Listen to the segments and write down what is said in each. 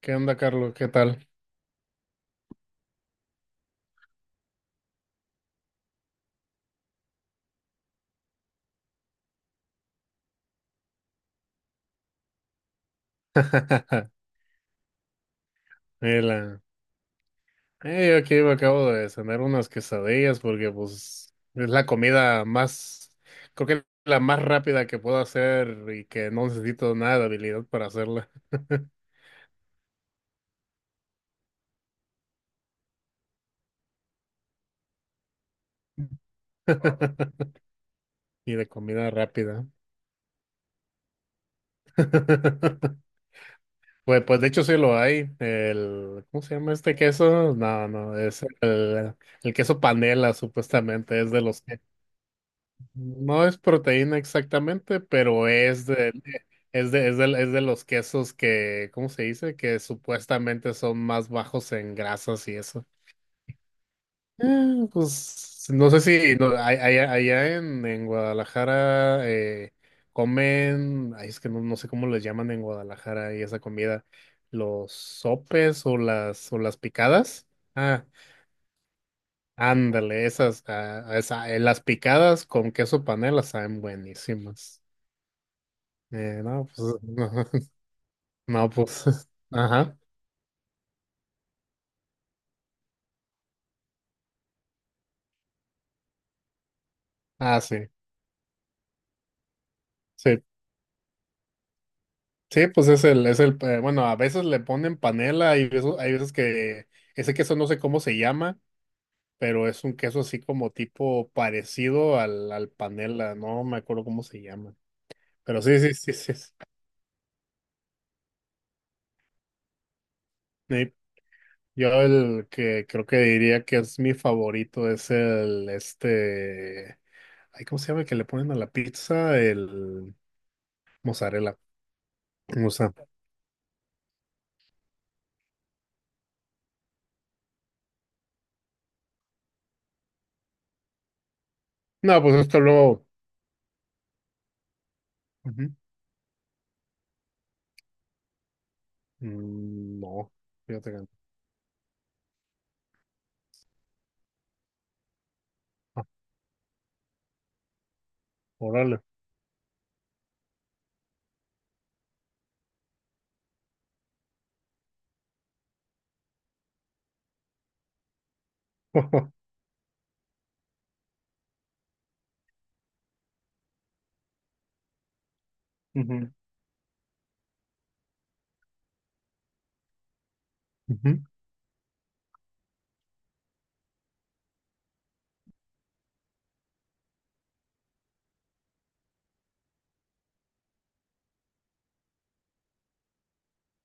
¿Qué onda, Carlos? ¿Qué tal? Mira, yo aquí me acabo de cenar unas quesadillas porque pues es la comida más, creo que la más rápida que puedo hacer y que no necesito nada de habilidad para hacerla. Y de comida rápida. Pues, pues de hecho sí lo hay. El, ¿cómo se llama este queso? No, no, es el queso panela, supuestamente, es de los. No es proteína exactamente, pero es de, es de los quesos que, ¿cómo se dice? Que supuestamente son más bajos en grasas y eso. Pues no sé si no, allá, en Guadalajara comen, ay, es que no, no sé cómo les llaman en Guadalajara y esa comida, los sopes o las picadas. Ah, ándale, esas, ah, las picadas con queso panela saben buenísimas. No, pues, no, pues, ajá, ah, sí, sí, sí, pues es el, bueno, a veces le ponen panela y hay veces que ese queso no sé cómo se llama, pero es un queso así como tipo parecido al panela, no me acuerdo cómo se llama, pero sí, sí, sí, sí, sí. Yo el que creo que diría que es mi favorito es ay, ¿cómo se llama el que le ponen a la pizza? El mozzarella, o sea, no, pues esto luego. Ujú. Mm, no, fíjate que no. Ah, órale. Ujú, ujú,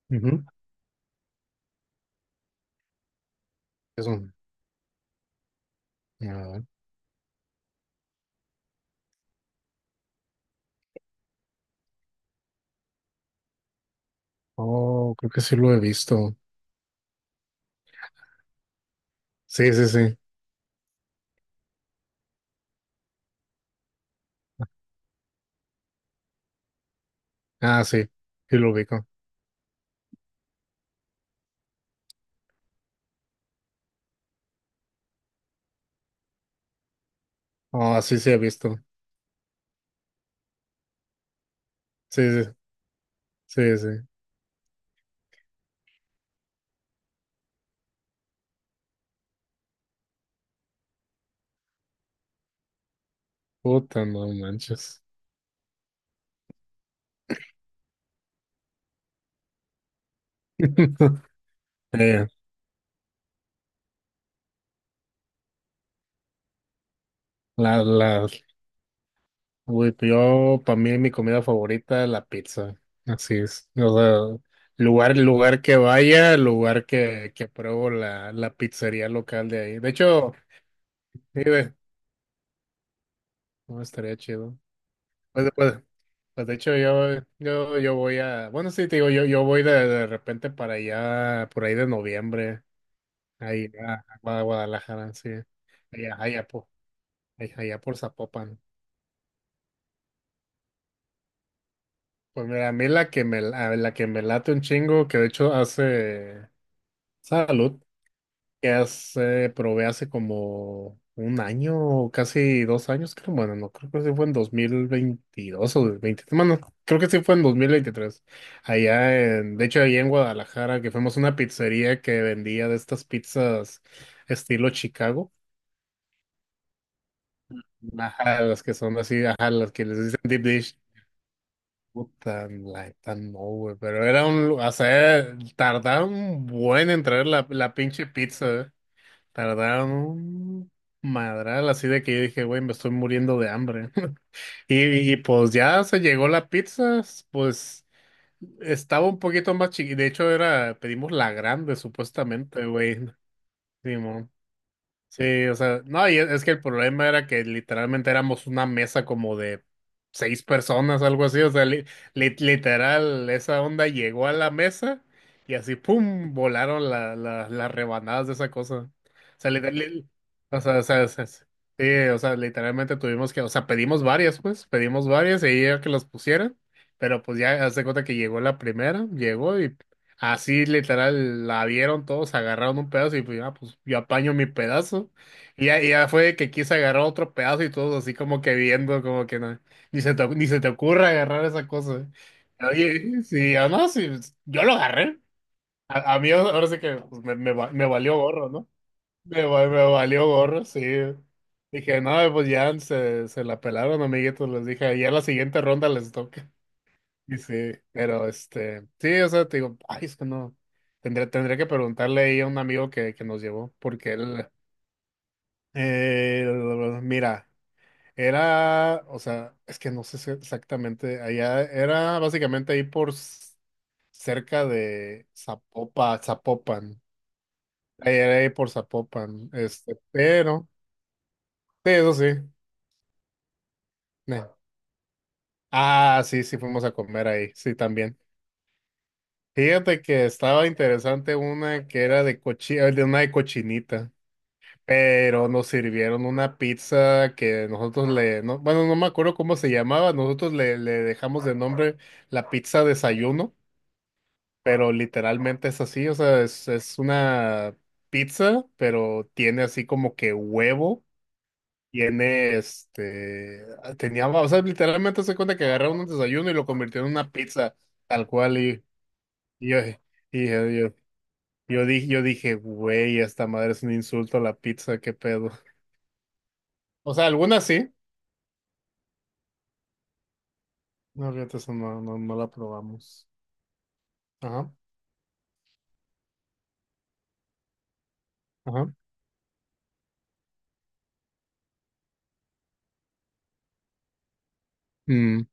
ujú. Eso. A ver. Oh, creo que sí lo he visto. Sí, sí, sí. Ah, sí. Sí lo ubico. Ah, sí, sí he visto. Sí, sí, sí, sí. Puta, no manches. Eh, la, uy, yo, para mí, mi comida favorita es la pizza. Así es. O sea, lugar, lugar que vaya, lugar que pruebo la, la pizzería local de ahí. De hecho, sí, güey, no estaría chido. Pues, pues, pues de hecho yo, yo voy a, bueno sí te digo, yo voy de repente para allá, por ahí de noviembre, ahí a, Guadalajara, sí, allá, allá por, allá, allá por Zapopan. Pues mira, a mí la que me, la que me late un chingo, que de hecho hace, salud, que hace, probé hace como un año o casi dos años, creo. Bueno, no, creo que sí fue en dos mil veintidós o 2023. Bueno, creo que sí fue en dos mil veintitrés. Allá en, de hecho, ahí en Guadalajara, que fuimos a una pizzería que vendía de estas pizzas estilo Chicago. Ajá, las que son así, ajá, las que les dicen deep dish. Puta, la neta, no, güey, pero era o sea, tardaron un buen en traer la, la pinche pizza. ¿Eh? Tardaron un madral, así de que yo dije, güey, me estoy muriendo de hambre. Pues ya se llegó la pizza, pues estaba un poquito más chiquita. De hecho, era, pedimos la grande, supuestamente, güey. Sí, o sea, no, y es que el problema era que literalmente éramos una mesa como de seis personas, algo así, o sea, literal, esa onda llegó a la mesa y así, ¡pum!, volaron las rebanadas de esa cosa. O sea, o sea, sí, o sea, literalmente tuvimos que, o sea, pedimos varias, pues, pedimos varias y ella que las pusieran, pero pues ya, haz de cuenta que llegó la primera, llegó. Así literal la vieron todos, agarraron un pedazo y pues ya, pues yo apaño mi pedazo. Y ya fue que quise agarrar otro pedazo y todos así como que viendo, como que no, ni se te, ni se te ocurra agarrar esa cosa. Oye, sí, yo no, sí, pues, yo lo agarré. A mí ahora sí que pues, me, me valió gorro, ¿no? Me, me valió gorro, sí. Dije, no, pues ya se la pelaron, amiguitos, les dije, ya la siguiente ronda les toca. Sí, sí, pero este, sí, o sea, te digo, ay, es que no, tendría que preguntarle ahí a un amigo que nos llevó, porque él, eh, mira, era, o sea, es que no sé si exactamente, allá era básicamente ahí por cerca de Zapopan, ahí era ahí por Zapopan, este, pero, sí, eso sí, eh. Ah, sí, sí, fuimos a comer ahí, sí, también. Fíjate que estaba interesante una que era de de una de cochinita, pero nos sirvieron una pizza que nosotros le, no, bueno, no me acuerdo cómo se llamaba, nosotros le, le dejamos de nombre la pizza desayuno, pero literalmente es así, o sea, es una pizza, pero tiene así como que huevo, tiene este, ah, tenía, o sea, literalmente se cuenta que agarraron un desayuno y lo convirtieron en una pizza, tal cual, y, y yo- yo, yo dije, yo dije, güey, esta madre es un insulto a la pizza, qué pedo. O sea, algunas sí. No, fíjate, eso no, no, no la probamos. Ajá, ajá. Mm,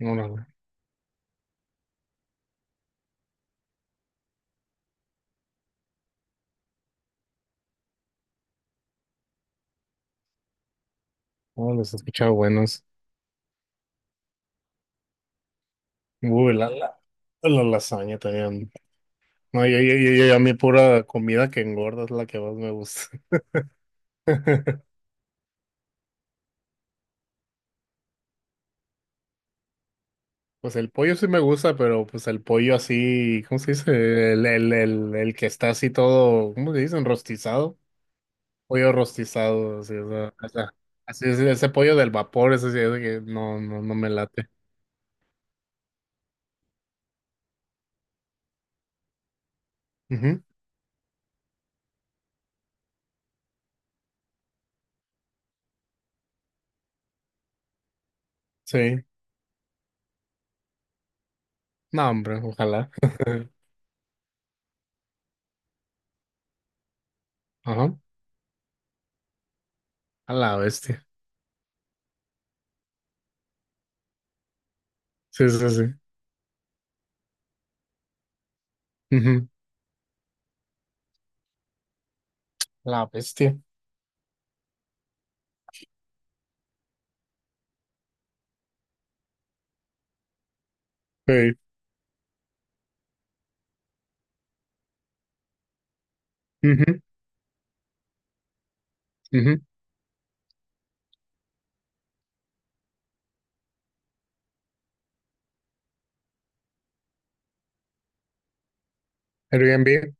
órale. Oh, los he escuchado buenos. Uy, la lasaña también. No, yo, a mí pura comida que engorda es la que más me gusta. Pues el pollo sí me gusta, pero pues el pollo así, ¿cómo se dice? El que está así todo, ¿cómo se dice? Enrostizado. Pollo rostizado, así, o sea, así es, ese pollo del vapor, ese sí es de que no, no, no me late. Ujú, sí, no, hombre, ojalá. Ajá, a la bestia. Sí, sí, sí. Ujú, la bestia. Sí. Ujú, ujú. Airbnb.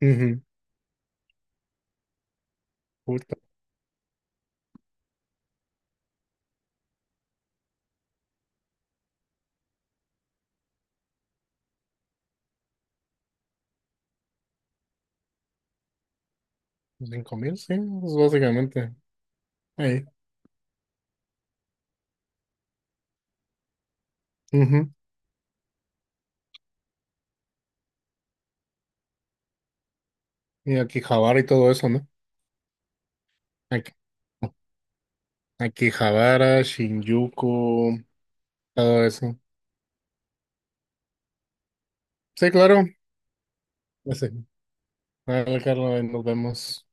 Ujú, puta, 5000, sí, pues, básicamente. Ahí. Ujú. Y aquí Javara y todo eso, ¿no? Aquí, aquí Javara, Shinjuku, todo eso. Sí, claro. Sí. Dale, Carlos, ahí nos vemos.